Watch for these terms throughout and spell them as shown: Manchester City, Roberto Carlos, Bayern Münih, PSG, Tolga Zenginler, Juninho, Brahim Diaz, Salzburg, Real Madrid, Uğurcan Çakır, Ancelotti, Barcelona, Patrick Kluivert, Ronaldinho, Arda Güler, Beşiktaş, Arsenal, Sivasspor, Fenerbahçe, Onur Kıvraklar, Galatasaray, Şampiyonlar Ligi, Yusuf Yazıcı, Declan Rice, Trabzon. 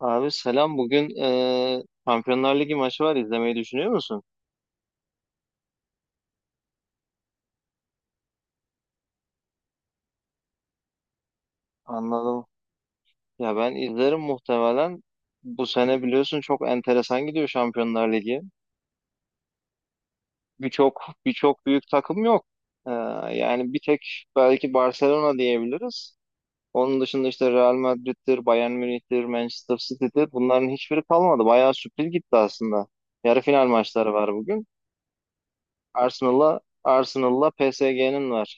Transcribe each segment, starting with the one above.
Abi selam. Bugün Şampiyonlar Ligi maçı var. İzlemeyi düşünüyor musun? Anladım. Ya ben izlerim muhtemelen. Bu sene biliyorsun çok enteresan gidiyor Şampiyonlar Ligi. Birçok büyük takım yok. E, Yani bir tek belki Barcelona diyebiliriz. Onun dışında işte Real Madrid'dir, Bayern Münih'tir, Manchester City'dir. Bunların hiçbiri kalmadı. Bayağı sürpriz gitti aslında. Yarı final maçları var bugün. Arsenal'la PSG'nin var.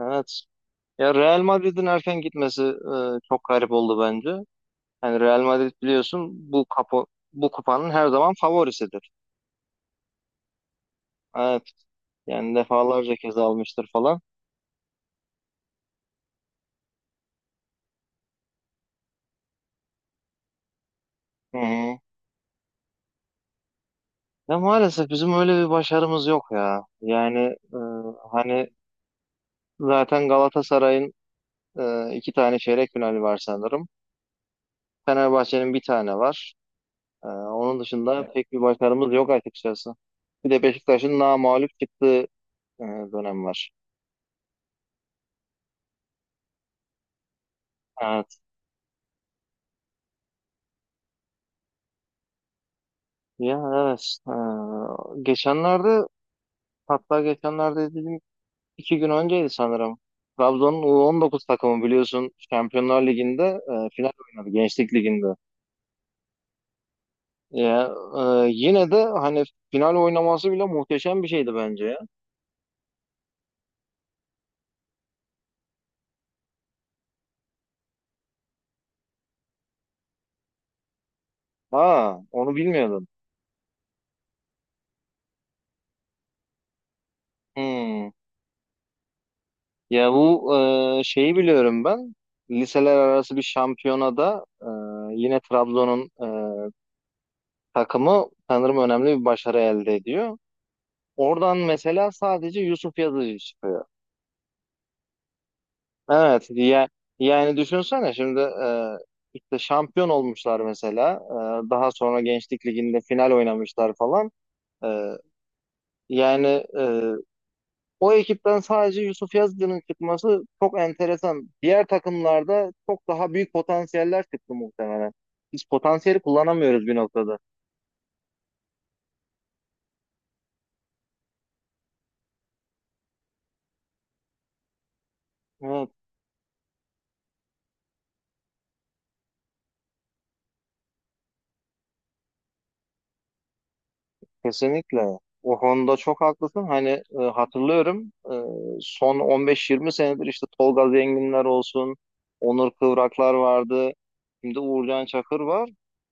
Evet. Ya Real Madrid'in erken gitmesi çok garip oldu bence. Yani Real Madrid biliyorsun bu kupanın her zaman favorisidir. Evet. Yani defalarca kez almıştır falan. Hı hı. Ya maalesef bizim öyle bir başarımız yok ya. Yani e, hani zaten Galatasaray'ın iki tane çeyrek finali var sanırım. Fenerbahçe'nin bir tane var. Onun dışında, evet, pek bir başarımız yok açıkçası. Bir de Beşiktaşın namağlup çıktığı e, dönem var. Evet. Ya, evet. Geçenlerde, hatta geçenlerde dedim, iki gün önceydi sanırım. Trabzon'un U19 takımı biliyorsun Şampiyonlar Ligi'nde final oynadı Gençlik Ligi'nde. Ya, yine de hani final oynaması bile muhteşem bir şeydi bence ya. Ha, onu bilmiyordum. Hmm. Ya bu şeyi biliyorum ben. Liseler arası bir şampiyonada yine Trabzon'un takımı sanırım önemli bir başarı elde ediyor. Oradan mesela sadece Yusuf Yazıcı çıkıyor. Evet ya, yani düşünsene şimdi işte şampiyon olmuşlar mesela. Daha sonra Gençlik Ligi'nde final oynamışlar falan. E, Yani e, o ekipten sadece Yusuf Yazıcı'nın çıkması çok enteresan. Diğer takımlarda çok daha büyük potansiyeller çıktı muhtemelen. Biz potansiyeli kullanamıyoruz bir noktada. Evet. Kesinlikle. O konuda çok haklısın. Hani hatırlıyorum, son 15-20 senedir işte Tolga Zenginler olsun, Onur Kıvraklar vardı. Şimdi Uğurcan Çakır var.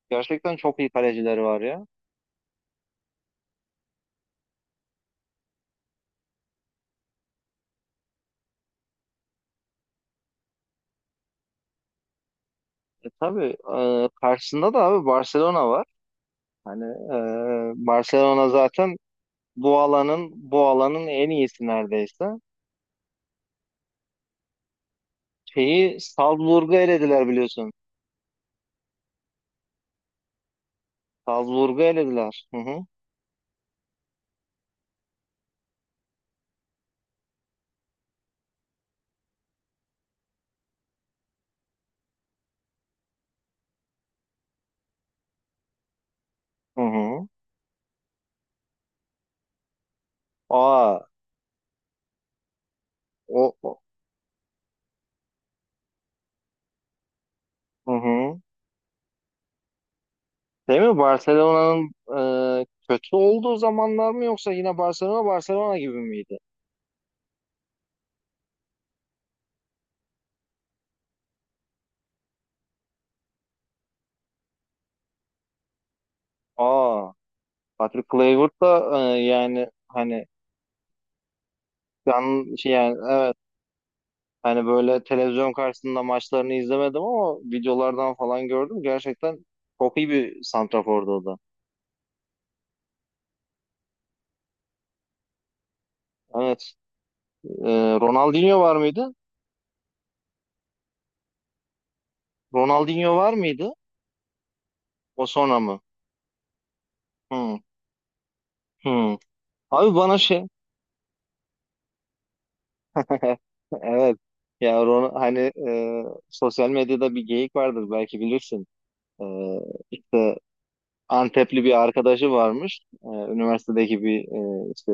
Gerçekten çok iyi kalecileri var ya. Tabii karşısında da abi Barcelona var. Hani Barcelona zaten bu alanın en iyisi neredeyse. Şeyi Salzburg'u elediler biliyorsun. Salzburg'u elediler. Hı hı. Hı hı. Aa, o, o- hı hı. Değil mi? Barcelona'nın kötü olduğu zamanlar mı, yoksa yine Barcelona Barcelona gibi miydi? Aa, Patrick Kluivert da yani hani, ben şey, yani evet, hani böyle televizyon karşısında maçlarını izlemedim ama videolardan falan gördüm. Gerçekten çok iyi bir santrafordu o da. Evet. Ronaldinho var mıydı? Ronaldinho var mıydı? O sonra mı? Hmm. Hmm. Abi bana şey. Evet. Ya Ron, hani, e, sosyal medyada bir geyik vardır belki bilirsin. E, işte Antepli bir arkadaşı varmış. Üniversitedeki bir, işte,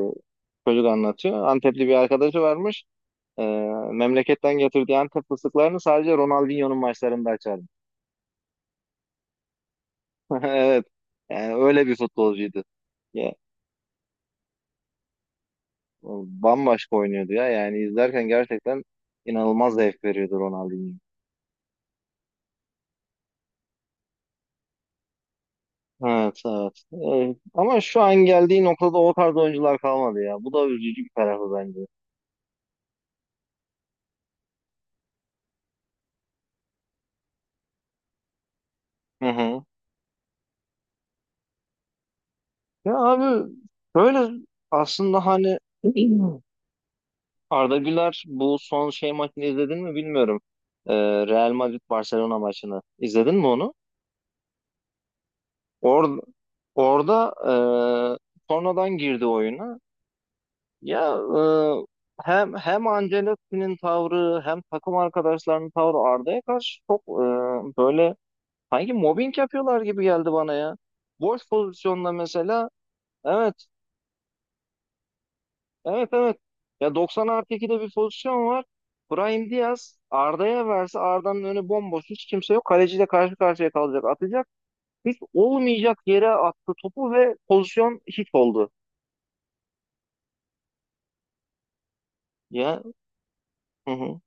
çocuk anlatıyor. Antepli bir arkadaşı varmış. Ee, Memleketten getirdiği Antep fıstıklarını sadece Ronaldinho'nun maçlarında açardı. Evet. Yani öyle bir futbolcuydu. Ya, bambaşka oynuyordu ya. Yani izlerken gerçekten inanılmaz zevk veriyordu Ronaldinho. Evet, evet. Ama şu an geldiği noktada o tarz oyuncular kalmadı ya. Bu da üzücü bir tarafı bence. Hı hı. Ya abi, böyle, aslında hani. Arda Güler bu son şey maçını izledin mi bilmiyorum. Ee, Real Madrid Barcelona maçını izledin mi onu? Orada orada sonradan girdi oyuna. Ya, hem Ancelotti'nin tavrı hem takım arkadaşlarının tavrı Arda'ya karşı çok böyle, sanki mobbing yapıyorlar gibi geldi bana ya. Boş pozisyonda mesela, evet, evet, evet, ya 90 artı 2'de bir pozisyon var. Brahim Diaz Arda'ya verse, Arda'nın önü bomboş, hiç kimse yok. Kaleciyle karşı karşıya kalacak, atacak. Hiç olmayacak yere attı topu ve pozisyon hit oldu. Ya, hı hı.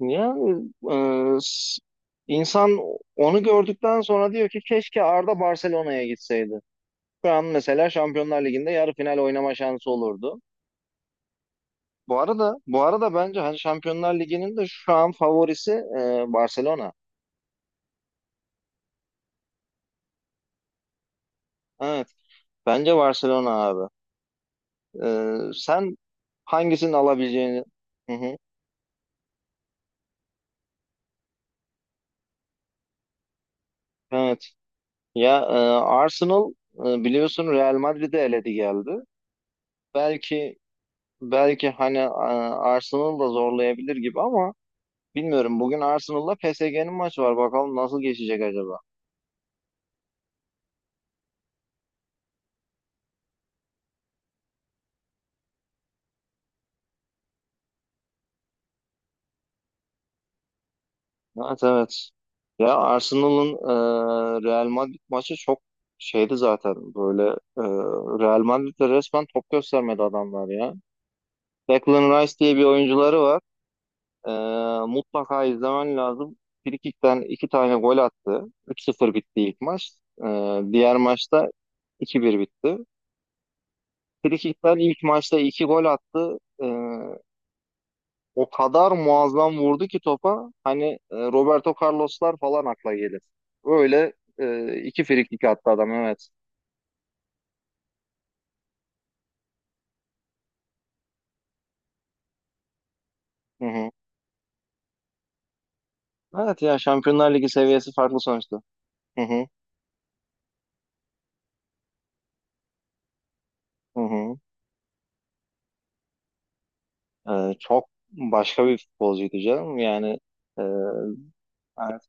Yani insan onu gördükten sonra diyor ki keşke Arda Barcelona'ya gitseydi. Şu an mesela Şampiyonlar Ligi'nde yarı final oynama şansı olurdu. Bu arada bence hani Şampiyonlar Ligi'nin de şu an favorisi Barcelona. Evet. Bence Barcelona abi. Sen hangisini alabileceğini. Hı hı. Evet. Ya, Arsenal biliyorsun Real Madrid'i eledi geldi. Belki belki hani, Arsenal da zorlayabilir gibi, ama bilmiyorum. Bugün Arsenal'la PSG'nin maçı var. Bakalım nasıl geçecek acaba? Evet, evet. Ya Arsenal'ın Real Madrid maçı çok şeydi zaten, böyle, e, Real Madrid'de resmen top göstermedi adamlar ya. Declan Rice diye bir oyuncuları var. E, Mutlaka izlemen lazım. Frikikten iki tane gol attı. 3-0 bitti ilk maç. Diğer maçta 2-1 bitti. Frikikten ilk maçta iki gol attı. E, O kadar muazzam vurdu ki topa. Hani, Roberto Carlos'lar falan akla gelir. Öyle iki frikik attı adam, evet. Hı hı. Evet ya, Şampiyonlar Ligi seviyesi farklı sonuçta. Hı hı. Hı hı. Çok başka bir futbolcuydu canım. Yani, e, evet,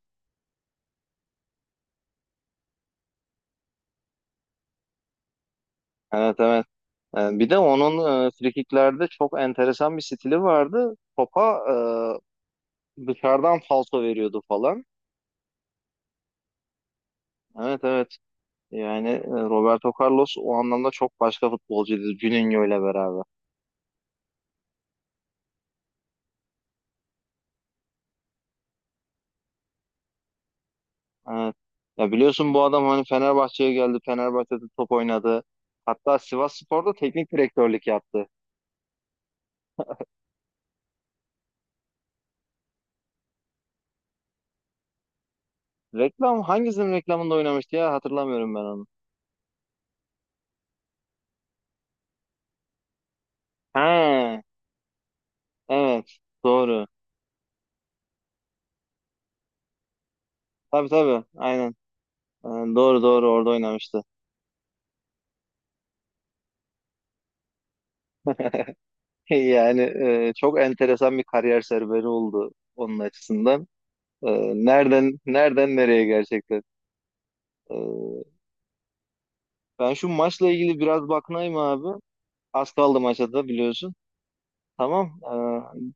evet. Evet. Bir de onun frikiklerde çok enteresan bir stili vardı. Topa dışarıdan falso veriyordu falan. Evet, evet. Yani Roberto Carlos o anlamda çok başka futbolcuydu, Juninho ile beraber. Evet. Ya biliyorsun, bu adam hani Fenerbahçe'ye geldi. Fenerbahçe'de top oynadı. Hatta Sivasspor'da teknik direktörlük yaptı. Hangisinin reklamında oynamıştı ya, hatırlamıyorum ben onu. He, evet, doğru. Tabii, tabii, aynen. E, Doğru, doğru, orada oynamıştı. Yani çok enteresan bir kariyer serüveni oldu onun açısından. Nereden nereye gerçekten. E, Ben şu maçla ilgili biraz bakınayım abi. Az kaldı maça da biliyorsun. Tamam.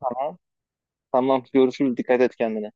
Tamam. Tamam. Görüşürüz. Dikkat et kendine.